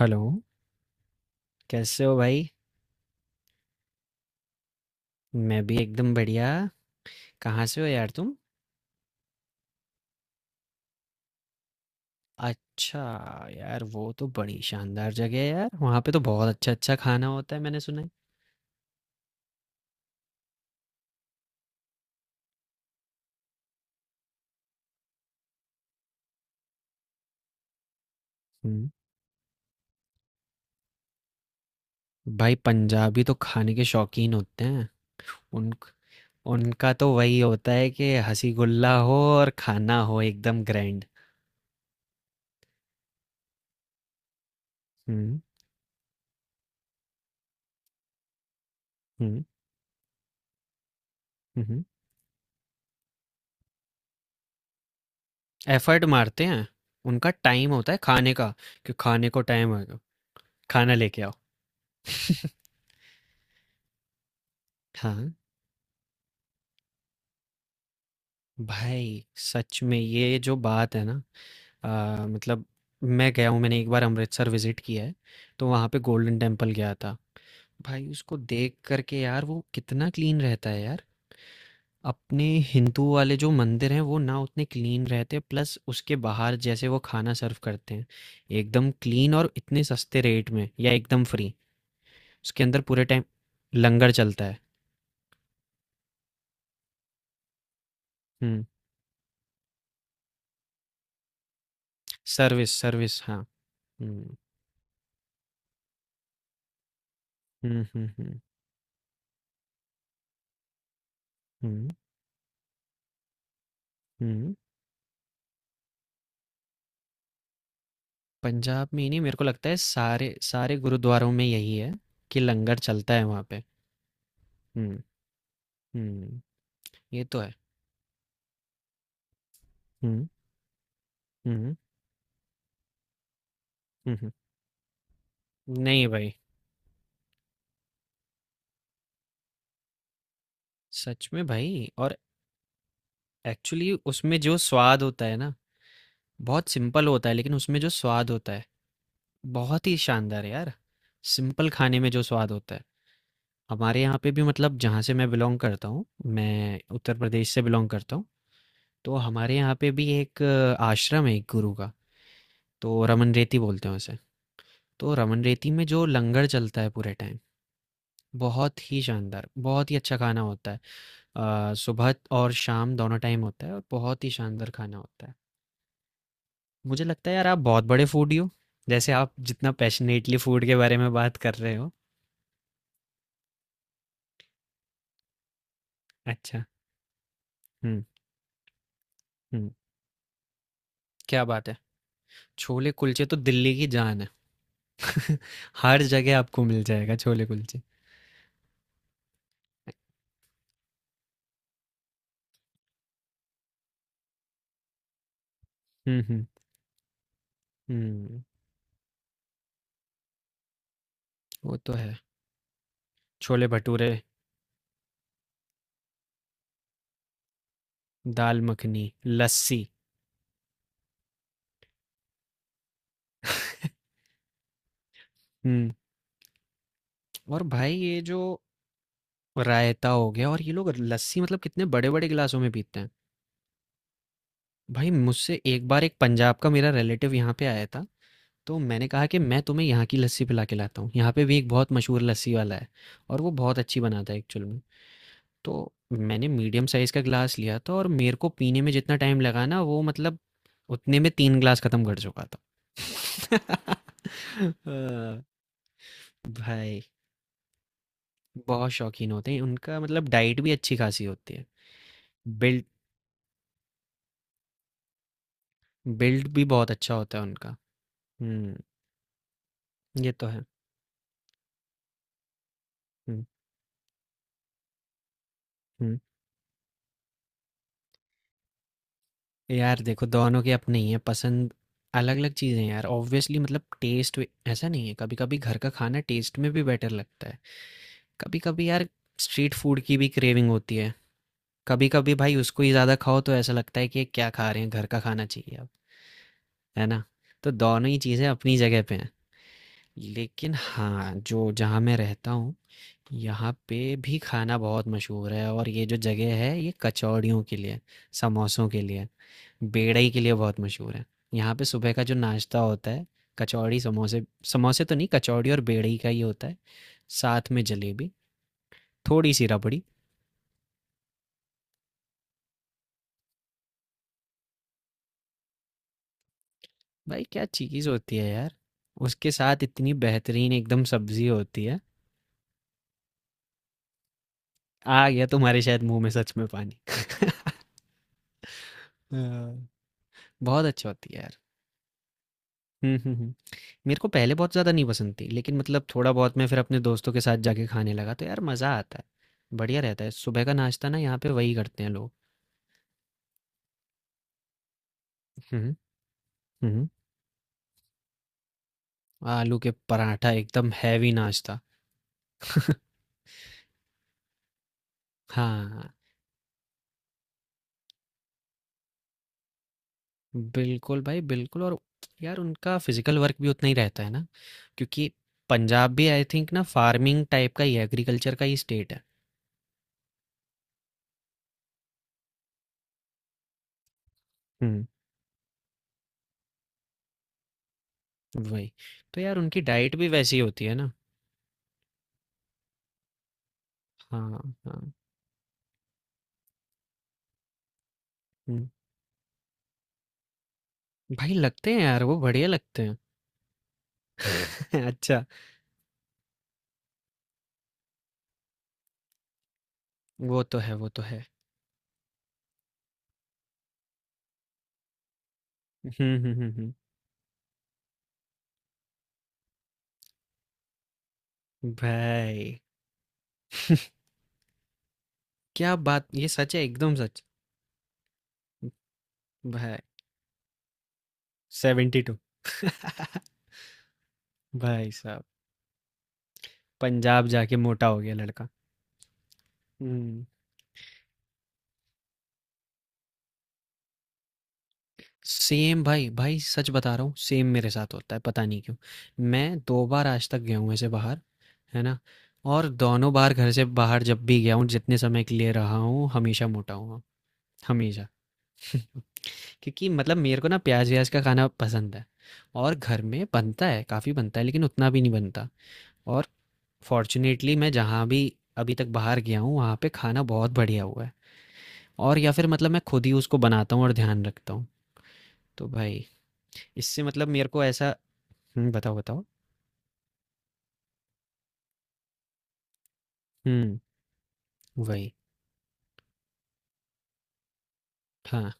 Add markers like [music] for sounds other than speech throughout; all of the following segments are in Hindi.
हेलो। कैसे हो भाई। मैं भी एकदम बढ़िया। कहाँ से हो यार तुम? अच्छा। यार वो तो बड़ी शानदार जगह है यार, वहाँ पे तो बहुत अच्छा अच्छा खाना होता है, मैंने सुना है। हम्म। भाई पंजाबी तो खाने के शौकीन होते हैं। उन उनका तो वही होता है कि हंसी गुल्ला हो और खाना हो एकदम ग्रैंड। हम्म हम्म हम्म। एफर्ट मारते हैं, उनका टाइम होता है खाने का कि खाने को टाइम होगा, खाना लेके आओ। [laughs] हाँ, भाई सच में ये जो बात है ना, मतलब मैं गया हूँ, मैंने एक बार अमृतसर विजिट किया है, तो वहाँ पे गोल्डन टेम्पल गया था। भाई उसको देख करके यार, वो कितना क्लीन रहता है यार। अपने हिंदू वाले जो मंदिर हैं वो ना उतने क्लीन रहते, प्लस उसके बाहर जैसे वो खाना सर्व करते हैं एकदम क्लीन और इतने सस्ते रेट में या एकदम फ्री। उसके अंदर पूरे टाइम लंगर चलता है। हम्म। सर्विस सर्विस हाँ। हम्म हम्म। हम्म हम्म। पंजाब में ही नहीं, मेरे को लगता है सारे सारे गुरुद्वारों में यही है कि लंगर चलता है वहाँ पे। हम्म हम्म। ये तो है। हम्म हम्म हम्म हम्म। नहीं भाई, सच में भाई। और एक्चुअली उसमें जो स्वाद होता है ना, बहुत सिंपल होता है, लेकिन उसमें जो स्वाद होता है बहुत ही शानदार है यार। सिंपल खाने में जो स्वाद होता है। हमारे यहाँ पे भी मतलब, जहाँ से मैं बिलोंग करता हूँ, मैं उत्तर प्रदेश से बिलोंग करता हूँ, तो हमारे यहाँ पे भी एक आश्रम है एक गुरु का। तो रमन रेती बोलते हैं उसे। तो रमन रेती में जो लंगर चलता है पूरे टाइम, बहुत ही शानदार, बहुत ही अच्छा खाना होता है। सुबह और शाम दोनों टाइम होता है, और बहुत ही शानदार खाना होता है। मुझे लगता है यार आप बहुत बड़े फूडी हो, जैसे आप जितना पैशनेटली फूड के बारे में बात कर रहे हो। अच्छा। हम्म हम्म। क्या बात है, छोले कुलचे तो दिल्ली की जान है। [laughs] हर जगह आपको मिल जाएगा छोले कुलचे। हम्म। हम्म, वो तो है। छोले भटूरे। दाल मखनी लस्सी। हम्म। और भाई ये जो रायता हो गया, और ये लोग लस्सी मतलब कितने बड़े बड़े गिलासों में पीते हैं। भाई मुझसे एक बार एक पंजाब का मेरा रिलेटिव यहाँ पे आया था, तो मैंने कहा कि मैं तुम्हें यहाँ की लस्सी पिला के लाता हूँ, यहाँ पे भी एक बहुत मशहूर लस्सी वाला है, और वो बहुत अच्छी बनाता है एक्चुअल में। तो मैंने मीडियम साइज़ का गिलास लिया था, और मेरे को पीने में जितना टाइम लगा ना, वो मतलब उतने में तीन गिलास ख़त्म कर चुका था। [laughs] अ, भाई बहुत शौकीन होते हैं, उनका मतलब डाइट भी अच्छी खासी होती है। बिल्ड, बिल्ड भी बहुत अच्छा होता है उनका। हुँ, ये तो है। हुँ, हुँ। यार देखो दोनों की अपनी है पसंद, अलग-अलग चीज़ें हैं यार ऑब्वियसली, मतलब टेस्ट वे ऐसा नहीं है, कभी-कभी घर का खाना टेस्ट में भी बेटर लगता है। कभी-कभी यार स्ट्रीट फूड की भी क्रेविंग होती है। कभी-कभी भाई उसको ही ज़्यादा खाओ तो ऐसा लगता है कि ये क्या खा रहे हैं, घर का खाना चाहिए अब, है ना? तो दोनों ही चीज़ें अपनी जगह पे हैं। लेकिन हाँ, जो जहाँ मैं रहता हूँ, यहाँ पे भी खाना बहुत मशहूर है, और ये जो जगह है ये कचौड़ियों के लिए, समोसों के लिए, बेड़ई के लिए बहुत मशहूर है। यहाँ पे सुबह का जो नाश्ता होता है, कचौड़ी समोसे, समोसे तो नहीं कचौड़ी और बेड़ई का ही होता है, साथ में जलेबी, थोड़ी सी रबड़ी। भाई क्या चीज़ होती है यार, उसके साथ इतनी बेहतरीन एकदम सब्जी होती है। आ गया तुम्हारे शायद मुंह में सच में पानी। [laughs] हाँ। बहुत अच्छी होती है यार। हम्म हम्म हम्म। मेरे को पहले बहुत ज़्यादा नहीं पसंद थी, लेकिन मतलब थोड़ा बहुत मैं फिर अपने दोस्तों के साथ जाके खाने लगा, तो यार मज़ा आता है। बढ़िया रहता है सुबह का नाश्ता, ना यहाँ पे वही करते हैं लोग। हम्म हम्म। आलू के पराठा एकदम हैवी नाश्ता। हाँ, बिल्कुल भाई बिल्कुल। और यार उनका फ़िज़िकल वर्क भी उतना ही रहता है ना, क्योंकि पंजाब भी आई थिंक ना फ़ार्मिंग टाइप का ही है, एग्रीकल्चर का ही स्टेट है। हुँ, वही। तो यार उनकी डाइट भी वैसी ही होती है ना। हाँ, हाँ। हुँ, भाई लगते हैं यार, वो बढ़िया लगते हैं। [laughs] अच्छा, वो तो है, वो तो है। हुँ, हुँ, हुँ, हुँ। भाई। [laughs] क्या बात! ये सच है, एकदम सच। भाई 72। [laughs] भाई साहब, पंजाब जाके मोटा हो गया लड़का। हम्म। सेम भाई भाई, सच बता रहा हूँ, सेम मेरे साथ होता है, पता नहीं क्यों। मैं दो बार आज तक गया हूँ ऐसे बाहर, है ना? और दोनों बार घर से बाहर जब भी गया हूँ, जितने समय के लिए रहा हूँ हमेशा मोटा हुआ, हमेशा। [laughs] क्योंकि मतलब मेरे को ना प्याज व्याज का खाना पसंद है, और घर में बनता है, काफ़ी बनता है, लेकिन उतना भी नहीं बनता। और फॉर्चुनेटली मैं जहाँ भी अभी तक बाहर गया हूँ, वहाँ पे खाना बहुत बढ़िया हुआ है। और या फिर मतलब मैं खुद ही उसको बनाता हूँ और ध्यान रखता हूँ, तो भाई इससे मतलब मेरे को ऐसा। हुँ, बताओ बताओ। हुँ, वही। हाँ,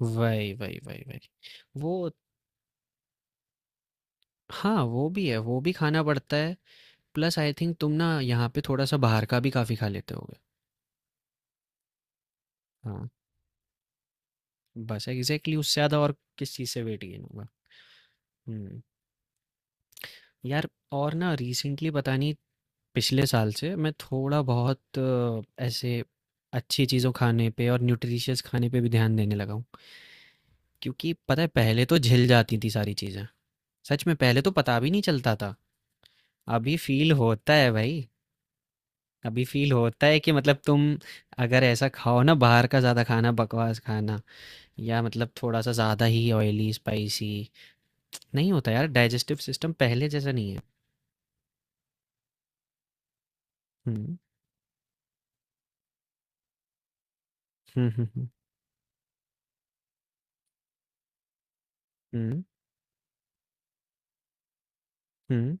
वही वही वही वही। वो हाँ, वो भी है, वो भी खाना पड़ता है। प्लस आई थिंक तुम ना यहाँ पे थोड़ा सा बाहर का भी काफी खा लेते होगे। हाँ, बस एग्जैक्टली, उससे ज्यादा और किस चीज़ से वेट गेन होगा। हम्म। यार और ना रिसेंटली, पता नहीं पिछले साल से मैं थोड़ा बहुत ऐसे अच्छी चीज़ों खाने पे और न्यूट्रिशियस खाने पे भी ध्यान देने लगा हूँ। क्योंकि पता है पहले तो झिल जाती थी सारी चीज़ें, सच में पहले तो पता भी नहीं चलता था। अभी फील होता है भाई, अभी फील होता है कि मतलब तुम अगर ऐसा खाओ ना बाहर का ज़्यादा खाना, बकवास खाना या मतलब थोड़ा सा ज़्यादा ही ऑयली स्पाइसी, नहीं होता यार, डाइजेस्टिव सिस्टम पहले जैसा नहीं है। हम्म हम्म। हम्म हम्म।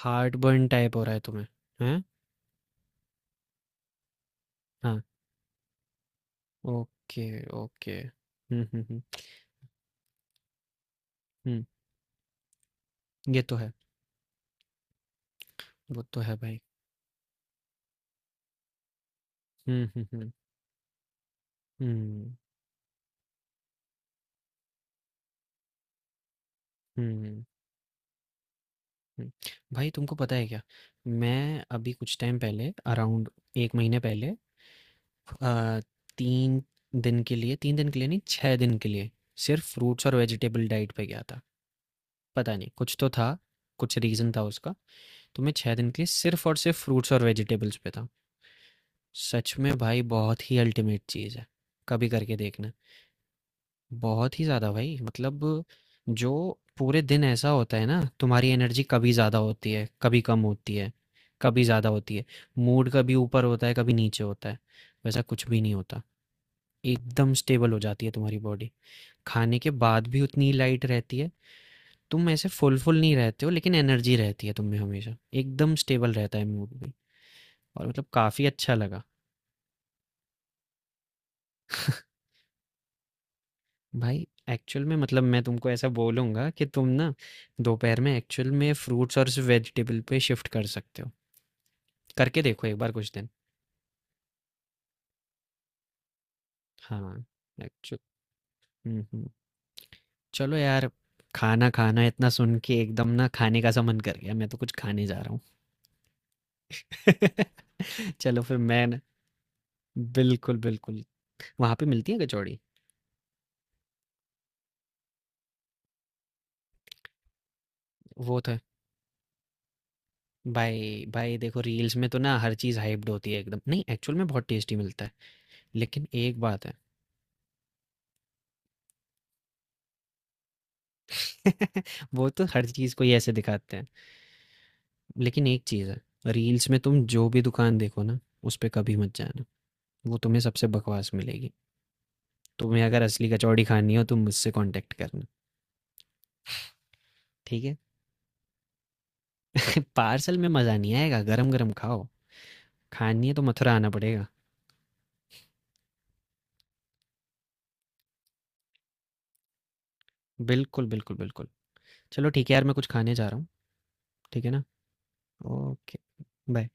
हार्ट बर्न टाइप हो रहा है तुम्हें? हैं? हाँ। ओके। ओके। हम्म। हम्म, ये तो है। वो तो है भाई। हम्म। हम्म हम्म। हुँ। भाई तुमको पता है क्या? मैं अभी कुछ टाइम पहले अराउंड 1 महीने पहले अ, 3 दिन के लिए, 3 दिन के लिए नहीं 6 दिन के लिए सिर्फ़ फ्रूट्स और वेजिटेबल डाइट पे गया था। पता नहीं कुछ तो था, कुछ रीज़न था उसका। तो मैं 6 दिन के लिए सिर्फ़ और सिर्फ़ फ्रूट्स और वेजिटेबल्स पे था। सच में भाई बहुत ही अल्टीमेट चीज़ है, कभी करके देखना। बहुत ही ज्यादा भाई मतलब, जो पूरे दिन ऐसा होता है ना, तुम्हारी एनर्जी कभी ज्यादा होती है कभी कम होती है, कभी ज्यादा होती है, मूड कभी ऊपर होता है कभी नीचे होता है, वैसा कुछ भी नहीं होता। एकदम स्टेबल हो जाती है तुम्हारी बॉडी, खाने के बाद भी उतनी लाइट रहती है, तुम ऐसे फुल फुल नहीं रहते हो, लेकिन एनर्जी रहती है तुम में हमेशा, एकदम स्टेबल रहता है मूड भी, और मतलब काफी अच्छा लगा। भाई एक्चुअल में मतलब मैं तुमको ऐसा बोलूँगा कि तुम ना दोपहर में एक्चुअल में फ्रूट्स और वेजिटेबल पे शिफ्ट कर सकते हो, करके देखो एक बार कुछ दिन। हाँ, एक्चुअल। हम्म हम्म। चलो यार, खाना खाना इतना सुन के एकदम ना खाने का सा मन कर गया, मैं तो कुछ खाने जा रहा हूँ। [laughs] चलो फिर मैं ना। बिल्कुल बिल्कुल, वहाँ पे मिलती है कचौड़ी। वो तो है भाई, भाई देखो रील्स में तो ना हर चीज़ हाइप्ड होती है, एकदम नहीं, एक्चुअल में बहुत टेस्टी मिलता है। लेकिन एक बात है। [laughs] वो तो हर चीज़ को ही ऐसे दिखाते हैं। लेकिन एक चीज़ है, रील्स में तुम जो भी दुकान देखो ना, उस पे कभी मत जाना, वो तुम्हें सबसे बकवास मिलेगी। तुम्हें अगर असली कचौड़ी खानी हो, तुम मुझसे कॉन्टैक्ट करना, ठीक है? [laughs] पार्सल में मज़ा नहीं आएगा, गरम-गरम खाओ। खानी है तो मथुरा आना पड़ेगा। बिल्कुल, बिल्कुल, बिल्कुल। चलो ठीक है यार, मैं कुछ खाने जा रहा हूँ, ठीक है ना? Okay, bye.